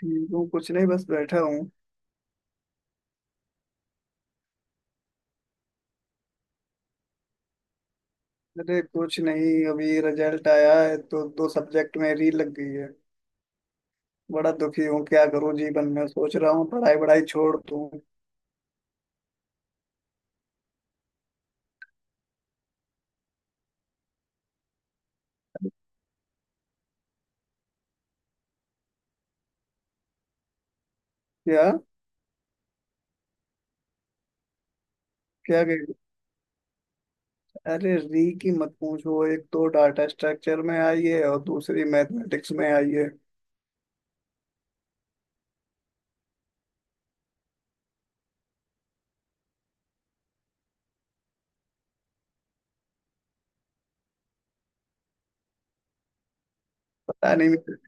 ठीक हूँ। कुछ नहीं, बस बैठा हूँ। अरे कुछ नहीं, अभी रिजल्ट आया है तो दो सब्जेक्ट में री लग गई है। बड़ा दुखी हूँ, क्या करूँ जीवन में। सोच रहा हूँ पढ़ाई वढ़ाई छोड़ दूँ। क्या? क्या कह- अरे री की मत पूछो, एक तो डाटा स्ट्रक्चर में आई है और दूसरी मैथमेटिक्स में आई है। पता नहीं मेरे-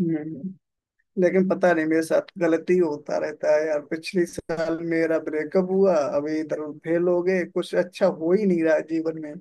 हम्म, लेकिन पता नहीं मेरे साथ गलती होता रहता है यार। पिछले साल मेरा ब्रेकअप हुआ, अभी इधर फेल हो गए। कुछ अच्छा हो ही नहीं रहा है जीवन में।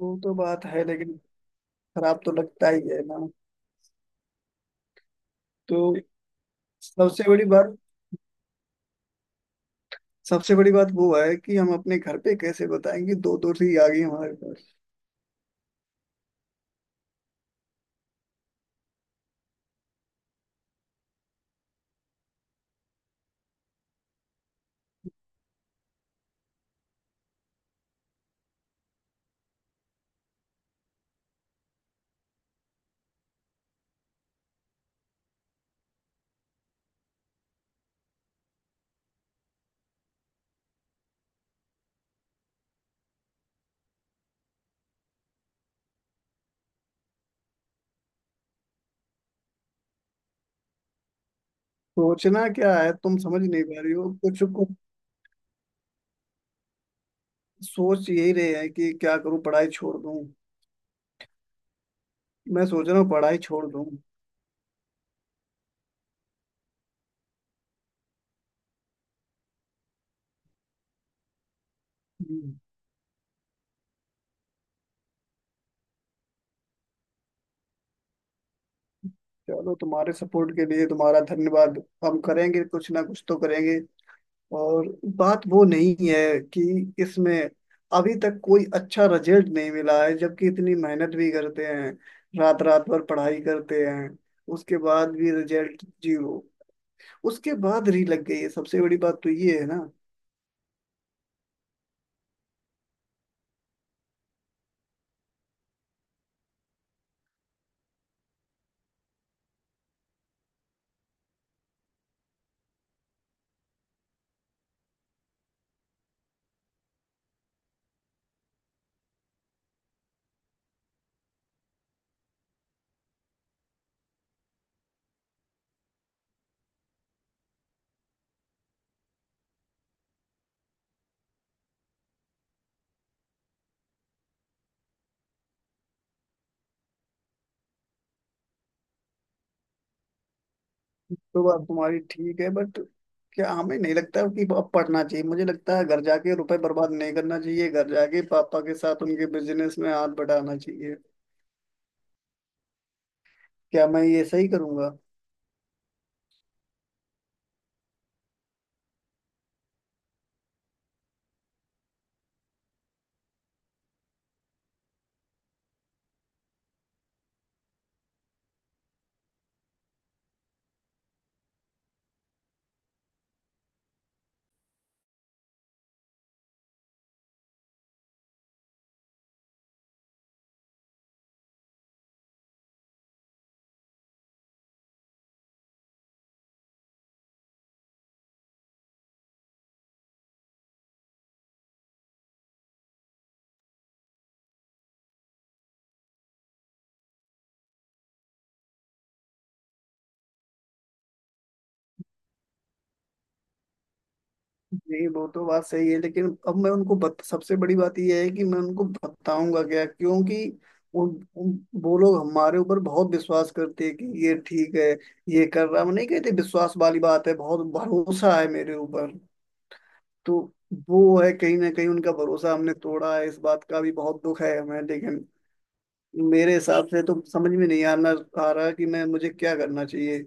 वो तो बात है, लेकिन खराब तो लगता ही है ना। तो सबसे बड़ी बात सबसे बड़ी बात वो है कि हम अपने घर पे कैसे बताएंगे, दो दोषी आ गई हमारे पास। सोचना क्या है, तुम समझ नहीं पा रही हो कुछ को। सोच यही रहे हैं कि क्या करूं, पढ़ाई छोड़ दूं। मैं सोच रहा हूँ पढ़ाई छोड़ दूं। हम्म, चलो, तुम्हारे सपोर्ट के लिए तुम्हारा धन्यवाद। हम करेंगे, कुछ ना कुछ तो करेंगे। और बात वो नहीं है कि इसमें अभी तक कोई अच्छा रिजल्ट नहीं मिला है, जबकि इतनी मेहनत भी करते हैं। रात रात भर पढ़ाई करते हैं, उसके बाद भी रिजल्ट जीरो। उसके बाद री लग गई है, सबसे बड़ी बात तो ये है ना। तो बात तुम्हारी ठीक है, बट क्या हमें नहीं लगता कि अब पढ़ना चाहिए। मुझे लगता है घर जाके रुपए बर्बाद नहीं करना चाहिए, घर जाके पापा के साथ उनके बिजनेस में हाथ बटाना चाहिए। क्या मैं ये सही करूंगा? नहीं, वो तो बात सही है, लेकिन अब मैं सबसे बड़ी बात यह है कि मैं उनको बताऊंगा क्या, क्योंकि उन, उन, वो लोग हमारे ऊपर बहुत विश्वास करते हैं कि ये ठीक है, ये कर रहा है। हम नहीं कहते, विश्वास वाली बात है, बहुत भरोसा है मेरे ऊपर। तो वो है, कहीं ना कहीं उनका भरोसा हमने तोड़ा है, इस बात का भी बहुत दुख है हमें। लेकिन मेरे हिसाब से तो समझ में नहीं आना आ रहा कि मैं मुझे क्या करना चाहिए।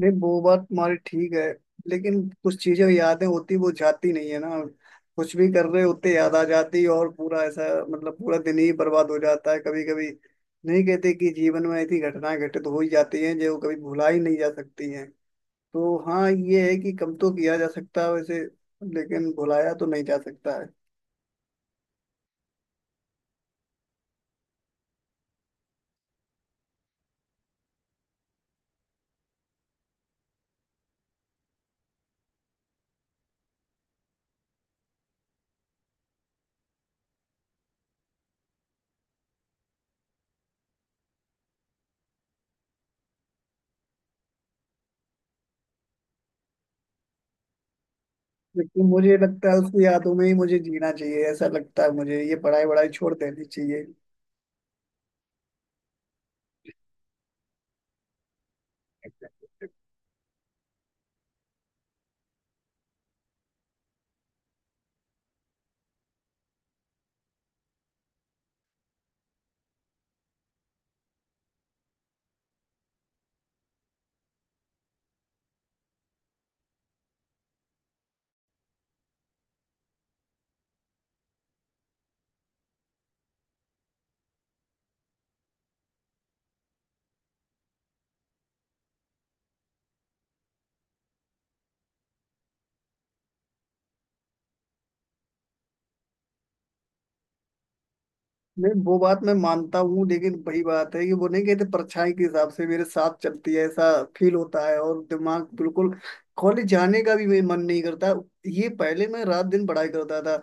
नहीं, वो बात तुम्हारी ठीक है, लेकिन कुछ चीजें यादें होती, वो जाती नहीं है ना। कुछ भी कर रहे होते, याद आ जाती, और पूरा ऐसा, मतलब पूरा दिन ही बर्बाद हो जाता है कभी कभी। नहीं कहते कि जीवन में ऐसी घटनाएं घटित हो ही जाती हैं जो कभी भुला ही नहीं जा सकती हैं। तो हाँ, ये है कि कम तो किया जा सकता है वैसे, लेकिन भुलाया तो नहीं जा सकता है। लेकिन मुझे लगता है उसकी यादों में ही मुझे जीना चाहिए। ऐसा लगता है मुझे ये पढ़ाई वढ़ाई छोड़ देनी चाहिए। नहीं, वो बात मैं मानता हूँ, लेकिन वही बात है कि वो नहीं कहते, परछाई के हिसाब से मेरे साथ चलती है, ऐसा फील होता है। और दिमाग बिल्कुल, कॉलेज जाने का भी मेरा मन नहीं करता। ये पहले मैं रात दिन पढ़ाई करता था,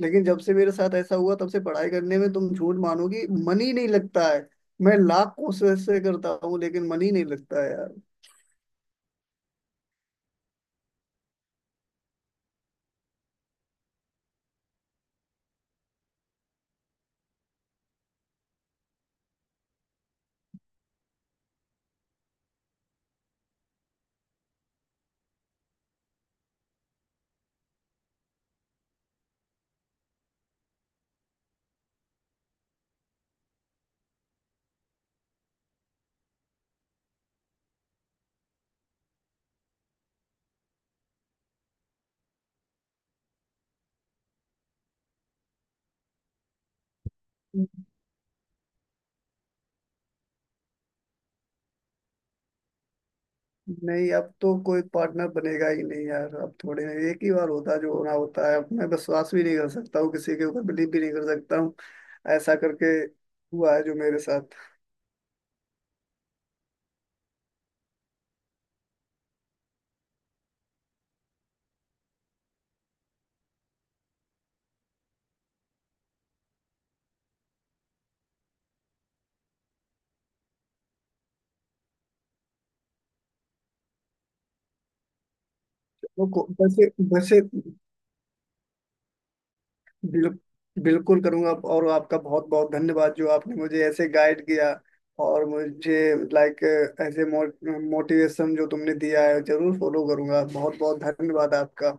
लेकिन जब से मेरे साथ ऐसा हुआ, तब से पढ़ाई करने में, तुम झूठ मानोगी, मन ही नहीं लगता है। मैं लाख कोशिशें करता हूँ लेकिन मन ही नहीं लगता है यार। नहीं, अब तो कोई पार्टनर बनेगा ही नहीं यार। अब थोड़े में एक ही बार होता है जो होना होता है। अब मैं विश्वास भी नहीं कर सकता हूँ किसी के ऊपर, बिलीव भी नहीं कर सकता हूँ ऐसा करके। हुआ है जो मेरे साथ। वैसे, वैसे बिल, बिल्कुल करूंगा। और आपका बहुत बहुत धन्यवाद जो आपने मुझे ऐसे गाइड किया। और मुझे लाइक ऐसे मोटिवेशन जो तुमने दिया है, जरूर फॉलो करूंगा। बहुत बहुत धन्यवाद आपका।